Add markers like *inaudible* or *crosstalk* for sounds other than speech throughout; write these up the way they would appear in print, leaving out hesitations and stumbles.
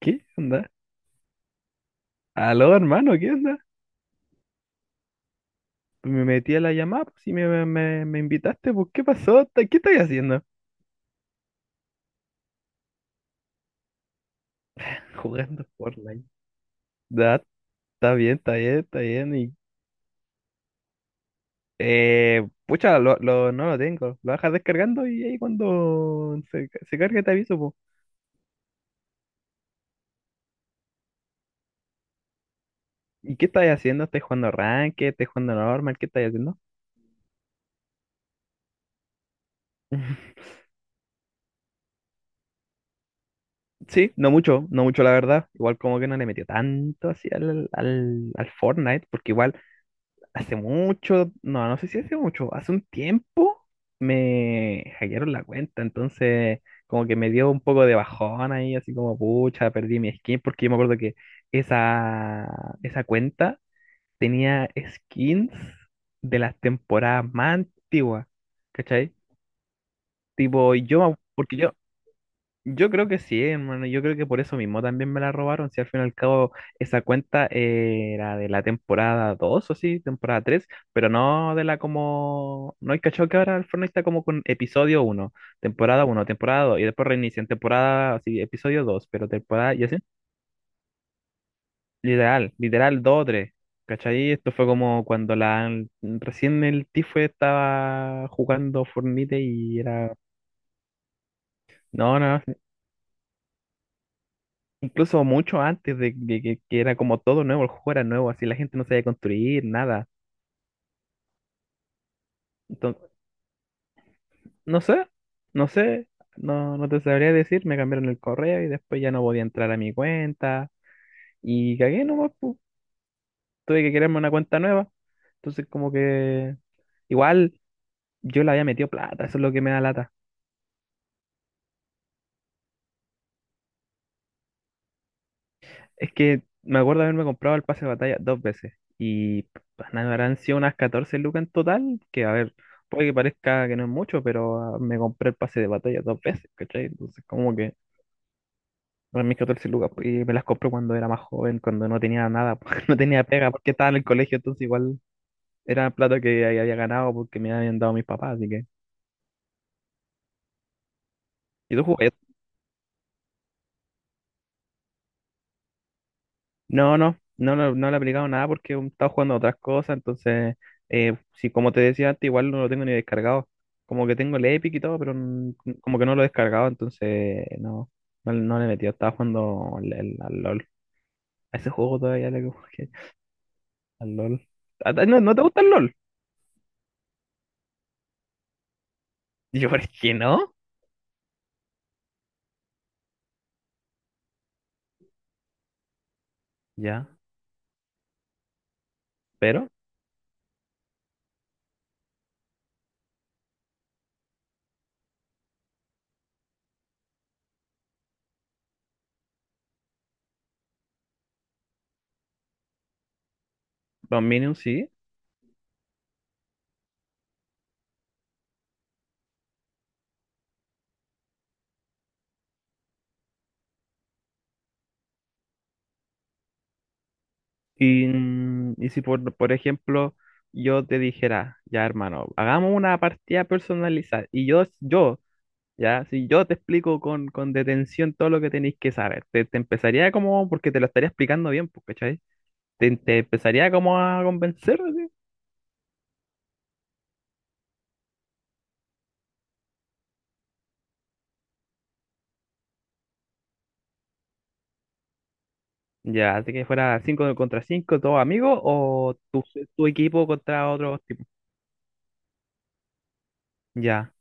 ¿Qué onda? Aló, hermano, ¿qué onda? Me metí a la llamada, pues si me invitaste, pues, ¿qué pasó? ¿Qué estás haciendo? Jugando Fortnite. Da, está bien, está bien, está bien. Y pucha, no lo tengo. Lo dejas descargando y ahí cuando se cargue te aviso, pues. ¿Y qué estás haciendo? ¿Estás jugando Ranked? ¿Estás jugando normal? ¿Qué estás haciendo? *laughs* Sí, no mucho la verdad. Igual como que no le metió tanto así al Fortnite, porque igual hace mucho, no sé si hace mucho, hace un tiempo me hackearon la cuenta, entonces como que me dio un poco de bajón ahí, así como pucha, perdí mi skin, porque yo me acuerdo que esa, esa cuenta tenía skins de las temporadas más antiguas, ¿cachai? Tipo, yo creo que sí, hermano. Yo creo que por eso mismo también me la robaron. Si al fin y al cabo esa cuenta era de la temporada 2 o sí, temporada tres, pero no de la como. No hay cachado que ahora el Fortnite está como con episodio uno, temporada uno, temporada 2, y después reinician temporada, sí, episodio dos pero temporada, y así. Literal, literal dos o 3. ¿Cachai? Esto fue como cuando la recién el Tifue estaba jugando Fortnite y era. No, no, Incluso mucho antes de que era como todo nuevo, el juego era nuevo, así la gente no sabía construir nada. Entonces, no sé, no sé, no, no te sabría decir, me cambiaron el correo y después ya no podía entrar a mi cuenta y cagué nomás, pu. Tuve que crearme una cuenta nueva. Entonces como que igual yo le había metido plata, eso es lo que me da lata. Es que me acuerdo haberme comprado el pase de batalla dos veces y, pues, nada, habrán sido unas 14 lucas en total, que a ver, puede que parezca que no es mucho, pero me compré el pase de batalla dos veces, ¿cachai? Entonces como que eran mis 14 lucas pues, y me las compré cuando era más joven, cuando no tenía nada, *laughs* porque no tenía pega, porque estaba en el colegio, entonces igual era plata que ahí había ganado porque me habían dado mis papás, así que... ¿Y tú jugaste no, le he aplicado nada porque he estado jugando a otras cosas, entonces si como te decía antes, igual no lo tengo ni descargado. Como que tengo el Epic y todo, pero como que no lo he descargado, entonces no le he metido. Estaba jugando al LOL. A ese juego todavía le como que- al LOL. ¿No, no te gusta el LOL? *laughs* Y yo, ¿por qué no? Ya, pero Dominion sí. Y, mm, y si por ejemplo yo te dijera, ya hermano, hagamos una partida personalizada. Y yo Ya, si yo te explico con detención todo lo que tenéis que saber, te empezaría como, porque te lo estaría explicando bien, pues, ¿cachai? Te empezaría como a convencer, así. Ya, así que fuera 5 contra 5 todos amigos, o tu equipo contra otros tipos. Ya,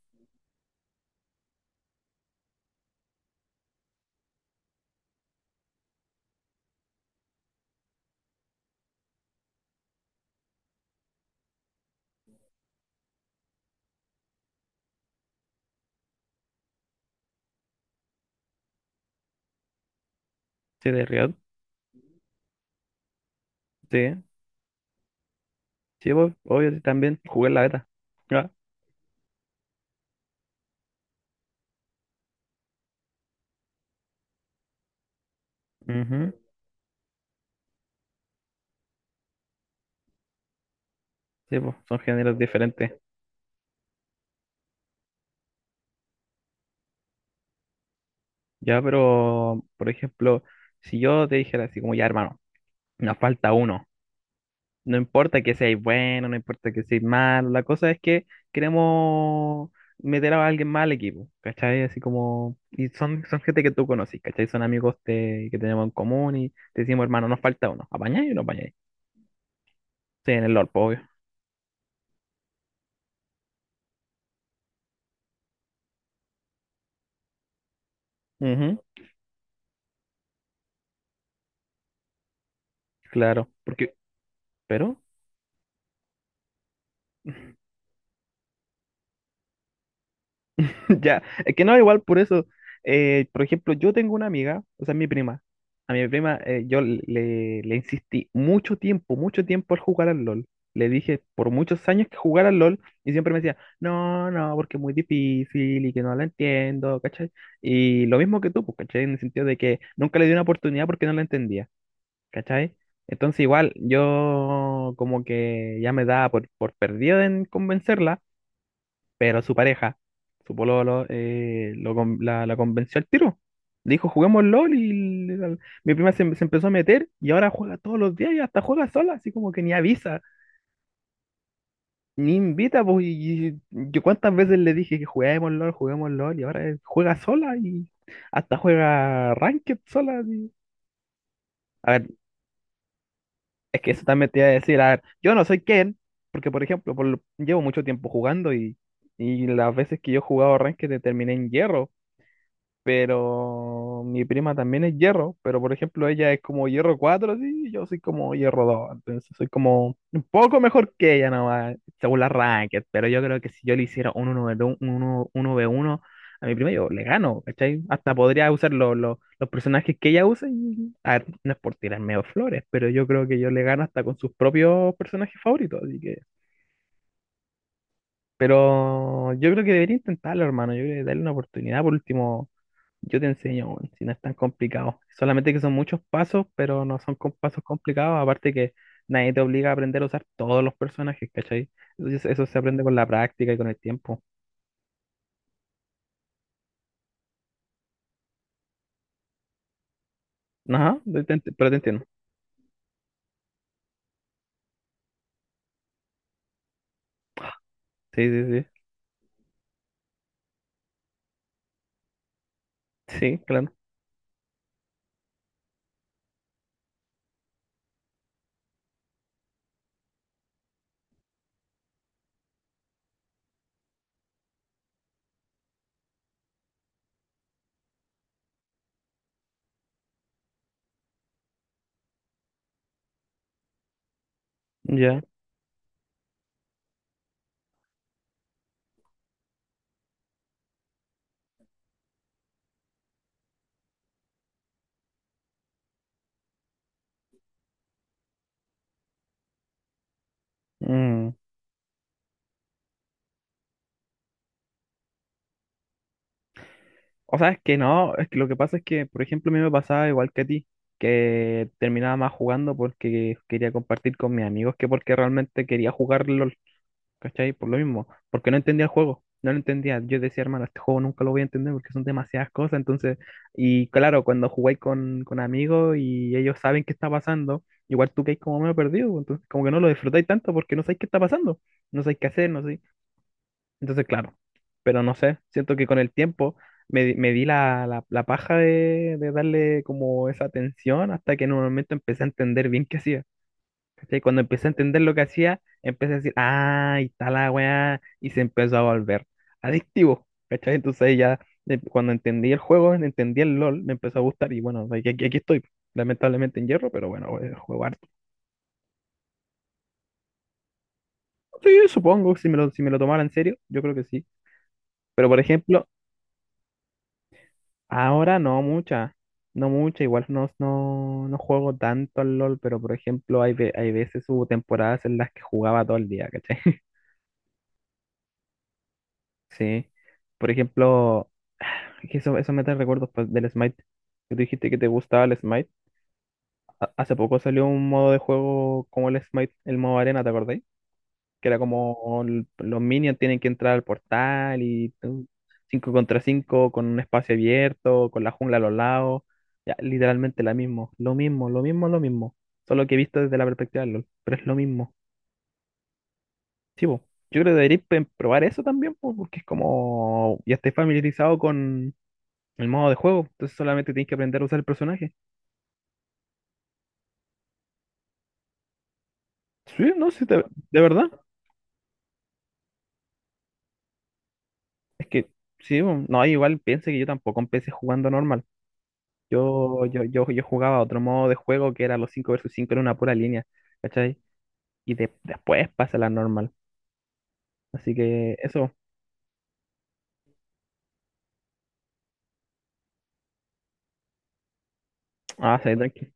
sí, de Riot, sí. Sí, pues, obvio, sí, también jugué en la beta. Ya. Ujú, sí, pues, son géneros diferentes. Ya, pero, por ejemplo, si yo te dijera así como, ya, hermano, nos falta uno. No importa que seáis bueno, no importa que seáis malo, la cosa es que queremos meter a alguien más al equipo, ¿cachai? Así como, y son gente que tú conoces, ¿cachai? Son amigos de- que tenemos en común y te decimos, hermano, nos falta uno, ¿apañáis o no apañáis? Sí, en el LOL, pues, obvio. Ujú, claro, porque, pero... *laughs* Ya, es que no, igual por eso por ejemplo, yo tengo una amiga, o sea, mi prima, a mi prima yo le insistí mucho tiempo al jugar al LOL. Le dije por muchos años que jugar al LOL y siempre me decía, no, no, porque es muy difícil y que no la entiendo, ¿cachai? Y lo mismo que tú, pues, ¿cachai? En el sentido de que nunca le di una oportunidad porque no la entendía, ¿cachai? Entonces igual yo como que ya me daba por perdido en convencerla, pero su pareja, su pololo, la convenció al tiro. Le dijo, juguemos LOL mi prima se empezó a meter y ahora juega todos los días y hasta juega sola, así como que ni avisa, ni invita. Pues, y yo cuántas veces le dije que juguemos LOL y ahora juega sola y hasta juega Ranked sola. Así. A ver, es que eso también te iba a decir, a ver, yo no soy Ken, porque por ejemplo, llevo mucho tiempo jugando y las veces que yo he jugado Ranked terminé en hierro. Pero mi prima también es hierro, pero por ejemplo ella es como hierro 4 así, y yo soy como hierro dos, entonces soy como un poco mejor que ella nomás, según la ranked, pero yo creo que si yo le hiciera un uno v uno uno 1 1v1 a mi prima, yo le gano, ¿cachai? Hasta podría usar los personajes que ella usa, y, a ver, no es por tirarme flores, pero yo creo que yo le gano hasta con sus propios personajes favoritos, así que... Pero yo creo que debería intentarlo, hermano, yo creo que darle una oportunidad por último, yo te enseño, weón, si no es tan complicado. Solamente que son muchos pasos, pero no son com- pasos complicados. Aparte que nadie te obliga a aprender a usar todos los personajes, ¿cachai? Entonces eso se aprende con la práctica y con el tiempo. Ajá, pero te entiendo. Sí, sí, sí. Sí, claro. Ya. Mm. O sea, es que no, es que lo que pasa es que, por ejemplo, a mí me pasaba igual que a ti, que terminaba más jugando porque quería compartir con mis amigos que porque realmente quería jugarlo, ¿cachai? Por lo mismo, porque no entendía el juego, no lo entendía. Yo decía, hermano, este juego nunca lo voy a entender porque son demasiadas cosas. Entonces, y claro, cuando jugáis con amigos y ellos saben qué está pasando, igual tú quedáis como medio perdido, pues, entonces como que no lo disfrutáis tanto porque no sabéis qué está pasando, no sabéis qué hacer, no sé. Entonces, claro, pero no sé, siento que con el tiempo me di la paja de darle como esa atención hasta que en un momento empecé a entender bien qué hacía. ¿Cachai? Cuando empecé a entender lo que hacía, empecé a decir, ah, ahí está la weá, y se empezó a volver adictivo, ¿cachai? Entonces ahí ya, cuando entendí el juego, entendí el LOL, me empezó a gustar y bueno, aquí estoy, lamentablemente en hierro, pero bueno, juego harto. Sí, supongo, si me lo tomara en serio, yo creo que sí. Pero por ejemplo, ahora no mucha, no mucha, igual no juego tanto al LOL, pero por ejemplo, hay veces hubo temporadas en las que jugaba todo el día, ¿cachai? *laughs* Sí. Por ejemplo, *sighs* es que eso me trae recuerdos pues, del Smite. Que tú dijiste que te gustaba el Smite. Hace poco salió un modo de juego como el Smite, el modo arena, ¿te acordáis? Que era como los minions tienen que entrar al portal y 5 contra 5 con un espacio abierto, con la jungla a los lados. Ya, literalmente la mismo. Lo mismo, lo mismo, lo mismo. Solo que he visto desde la perspectiva de LOL. Pero es lo mismo. Sí, po. Yo creo que deberíais probar eso también, po, porque es como ya estáis familiarizado con el modo de juego. Entonces solamente tienes que aprender a usar el personaje. Sí, no, sí, de verdad. Es que, sí, bueno, no, igual piense que yo tampoco empecé jugando normal. Yo jugaba otro modo de juego que era los 5 versus 5 en una pura línea, ¿cachai? Después pasa la normal. Así que eso, ah, sí, tranqui.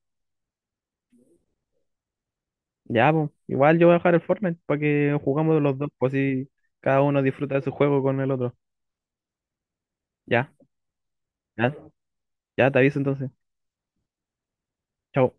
Ya, pues, igual yo voy a dejar el Fortnite para que jugamos los dos, pues así cada uno disfruta de su juego con el otro. Ya, ya, ya te aviso entonces. Chao.